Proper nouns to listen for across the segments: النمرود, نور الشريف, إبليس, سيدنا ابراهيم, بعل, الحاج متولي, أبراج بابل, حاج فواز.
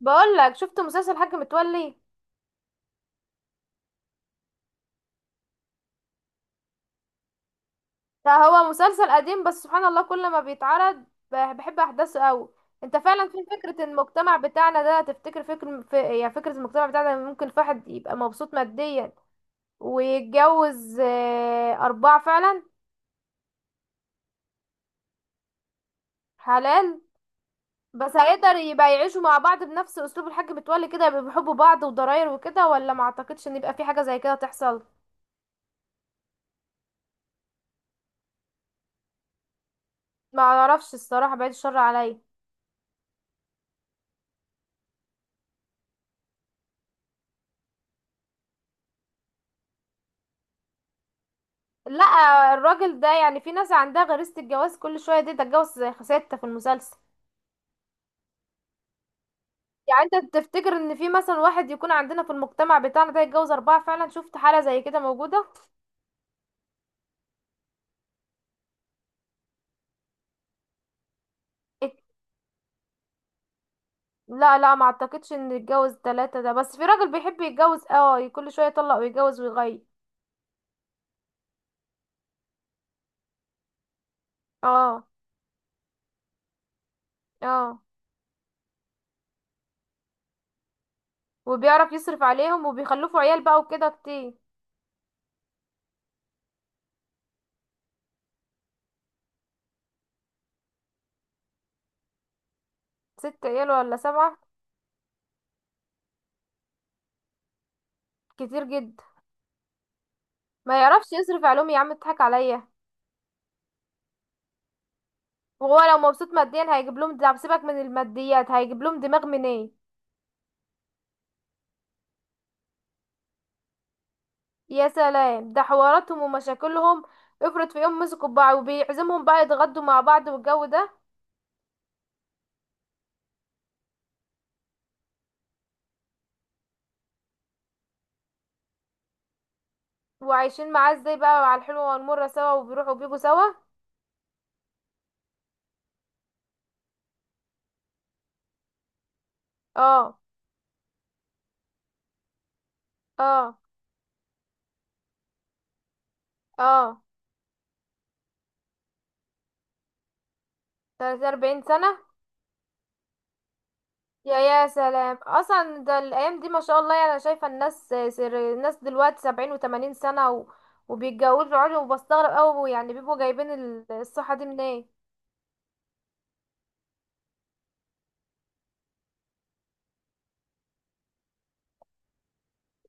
بقول لك شفت مسلسل الحاج متولي. ده هو مسلسل قديم، بس سبحان الله كل ما بيتعرض بحب احداثه قوي. انت فعلا، في فكرة المجتمع بتاعنا ده تفتكر؟ فكر في، يعني فكرة المجتمع بتاعنا ممكن في واحد يبقى مبسوط ماديا ويتجوز أربعة فعلا؟ حلال. بس هيقدر يبقى يعيشوا مع بعض بنفس أسلوب الحاج متولي كده، يبقى بيحبوا بعض وضراير وكده؟ ولا ما اعتقدش ان يبقى في حاجة زي كده تحصل؟ ما اعرفش الصراحة، بعيد الشر عليا. لا، الراجل ده، يعني في ناس عندها غريزة الجواز كل شوية دي تتجوز. ستة في المسلسل. يعني انت تفتكر ان في مثلا واحد يكون عندنا في المجتمع بتاعنا ده يتجوز اربعة فعلا؟ شفت حالة زي كده موجودة؟ ات- لا، لا ما اعتقدش ان يتجوز تلاتة ده. بس في راجل بيحب يتجوز كل شوية يطلق ويتجوز ويغير. اه. اه. وبيعرف يصرف عليهم وبيخلفوا عيال بقى وكده كتير. ست عيال ولا سبعة؟ كتير جدا. ما يعرفش يصرف عليهم يا عم، اضحك عليا. وهو لو مبسوط ماديا هيجيب لهم دعم؟ سيبك من الماديات، هيجيب لهم دماغ منين؟ يا سلام، ده حواراتهم ومشاكلهم. افرض في يوم مسكوا بعض وبيعزمهم بقى يتغدوا مع بعض والجو ده. وعايشين معاه ازاي بقى؟ على الحلوة والمرة سوا وبيروحوا وبيجوا سوا. اه. اه. اه. تلاتة أربعين سنة. يا سلام، اصلا ده الايام دي ما شاء الله، يعني انا شايفة الناس، سر الناس دلوقتي سبعين وتمانين سنة وبيتجوزوا عادي، وبستغرب اوي، يعني بيبقوا جايبين الصحة دي منين؟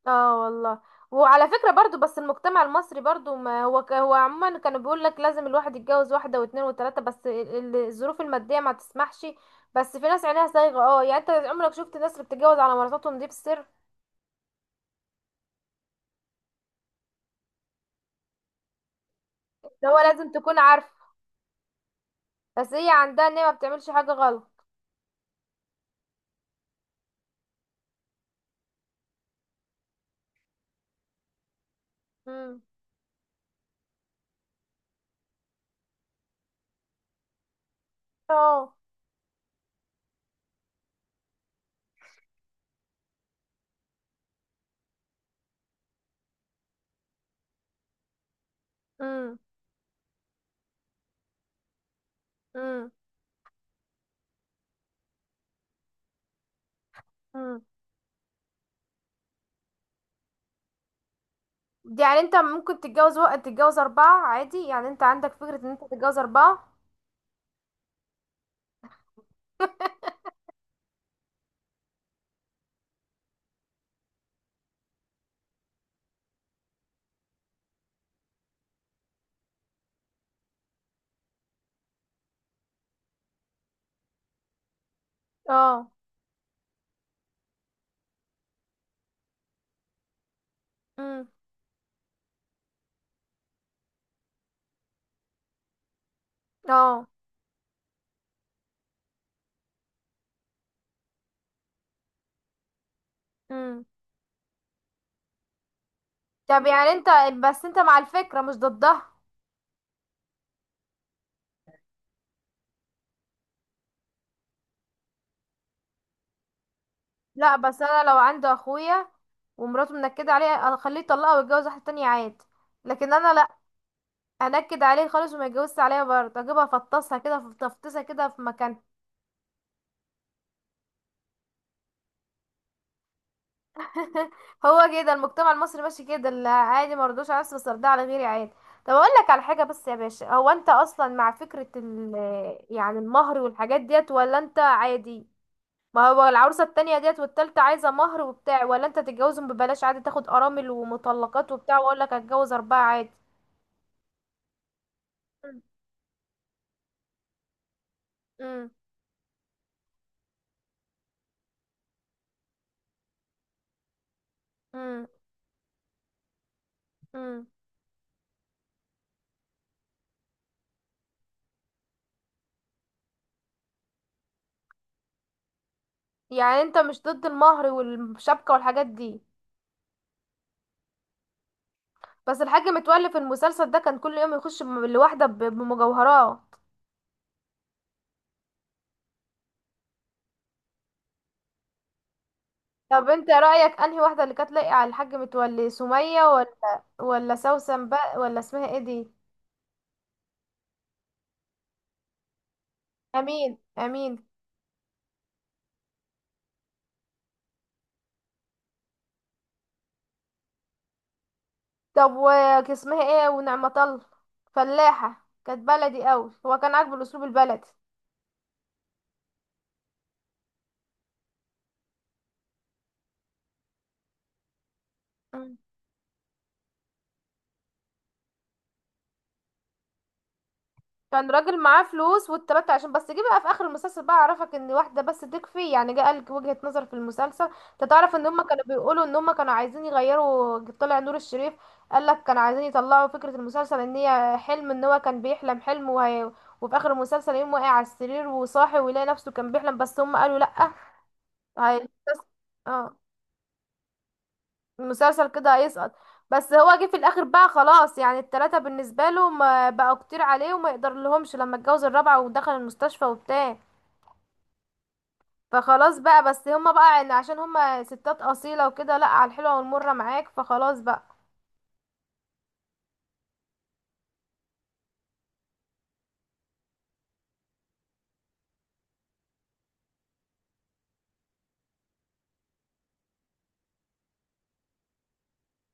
اه والله. وعلى فكرة برضو، بس المجتمع المصري برضو، ما هو هو عموما كانوا بيقول لك لازم الواحد يتجوز واحدة واثنين وثلاثة، بس الظروف المادية ما تسمحش. بس في ناس عينيها صايغة، اه يعني انت عمرك شفت الناس اللي بتتجوز على مراتاتهم دي بالسر؟ اللي هو لازم تكون عارف. بس هي عندها ان هي ما بتعملش حاجة غلط. امم. اه. امم. امم. امم. يعني انت ممكن تتجوز، وقت تتجوز أربعة عادي؟ يعني انت عندك فكرة ان انت تتجوز أربعة؟ اه. امم. اه. امم. طب يعني انت، بس انت مع الفكرة مش ضدها؟ لا، بس انا لو عندي اخويا ومراته منكدة عليه اخليه يطلقها ويتجوز واحدة تانية عادي. لكن انا لا، انكد عليه خالص، وما يتجوزش عليا برضه، اجيبها افطسها كده في، تفطيسها كده في مكان. هو كده المجتمع المصري ماشي كده، اللي عادي، ما رضوش على نفسي بس ارضى على غيري عادي. طب اقول لك على حاجة بس يا باشا، هو انت اصلا مع فكرة يعني المهر والحاجات ديت، ولا انت عادي؟ ما هو العروسة التانية ديت والتالتة عايزة مهر وبتاع، ولا انت تتجوزهم ببلاش عادي؟ تاخد ارامل ومطلقات وبتاع، واقول لك هتجوز اربعة عادي. مم. امم. امم. امم. يعني انت مش ضد المهر والشبكة والحاجات دي؟ بس الحاج متولي في المسلسل ده كان كل يوم يخش لواحدة بمجوهرات. طب انت رأيك انهي واحدة اللي كانت لايقة على الحاج متولي، سمية ولا سوسن بقى، ولا اسمها ايه دي؟ امين، امين. طب اسمها ايه، ونعمة الله، فلاحة كانت بلدي قوي، هو كان عاجبه الاسلوب البلدي. مم. كان راجل معاه فلوس والتلاتة، عشان بس جه بقى في اخر المسلسل بقى عرفك ان واحدة بس تكفي. يعني جه قالك وجهة نظر في المسلسل، انت تعرف ان هما كانوا بيقولوا ان هما كانوا عايزين يغيروا طلع نور الشريف. قالك كانوا عايزين يطلعوا فكرة المسلسل ان هي حلم، ان هو كان بيحلم حلم وهي، وفي اخر المسلسل يقوم واقع على السرير وصاحي ويلاقي نفسه كان بيحلم. بس هم قالوا لا. هي اه. المسلسل كده هيسقط. بس هو جه في الاخر بقى خلاص، يعني التلاتة بالنسبة له ما بقوا كتير عليه وما يقدر لهمش، لما اتجوز الرابعة ودخل المستشفى وبتاع. فخلاص بقى، بس هما بقى عشان هما ستات اصيلة وكده، لا على الحلوة والمرة معاك، فخلاص بقى.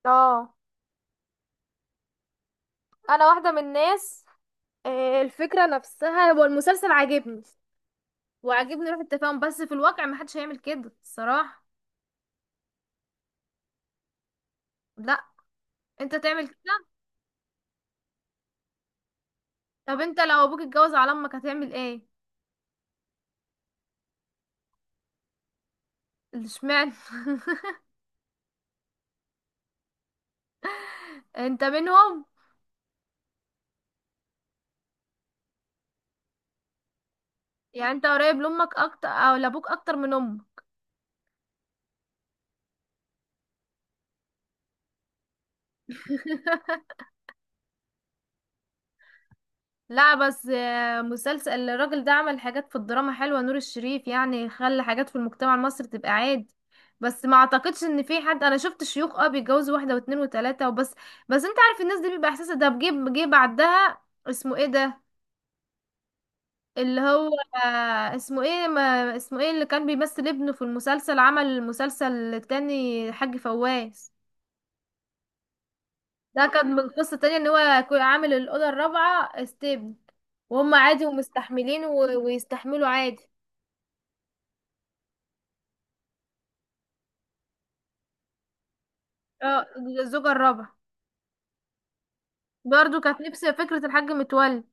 اه. انا واحدة من الناس. الفكرة نفسها، هو المسلسل عاجبني، وعاجبني روح التفاهم. بس في الواقع محدش هيعمل كده الصراحة. لا. انت تعمل كده؟ طب انت لو ابوك اتجوز على امك هتعمل ايه؟ اشمعنى؟ انت منهم؟ يعني انت قريب لامك اكتر او لابوك اكتر من امك؟ لا، بس مسلسل الراجل ده عمل حاجات في الدراما حلوة، نور الشريف يعني خلى حاجات في المجتمع المصري تبقى عادي. بس ما اعتقدش ان في حد. انا شفت شيوخ بيتجوزوا واحدة واتنين وتلاتة وبس. بس انت عارف الناس دي بيبقى احساسها ده بجيب. جه بعدها اسمه ايه ده، اللي هو اسمه ايه، ما اسمه ايه اللي كان بيمثل ابنه في المسلسل، عمل المسلسل التاني، حاج فواز. ده كان من قصة تانية ان هو عامل الأوضة الرابعة ستيب، وهم عادي ومستحملين ويستحملوا عادي. اه. الزوجة الرابعة برضو كانت نفس فكرة الحاج متولي.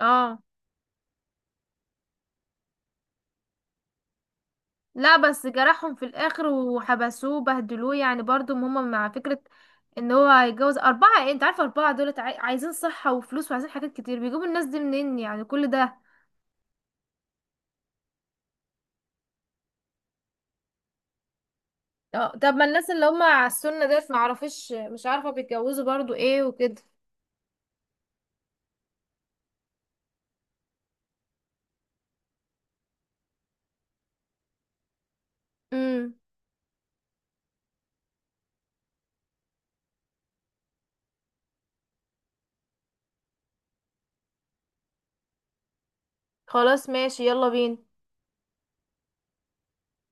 اه. لا، بس جرحهم في الآخر وحبسوه بهدلوه، يعني برضو هما مع فكرة ان هو هيتجوز أربعة. ايه انت عارفة، أربعة دولت عايزين صحة وفلوس، وعايزين حاجات كتير، بيجيبوا الناس دي منين يعني كل ده؟ اه. طب ما الناس اللي هما على السنة ديت، معرفش، مش عارفة بيتجوزوا برضو ايه وكده. مم. خلاص ماشي، يلا بينا.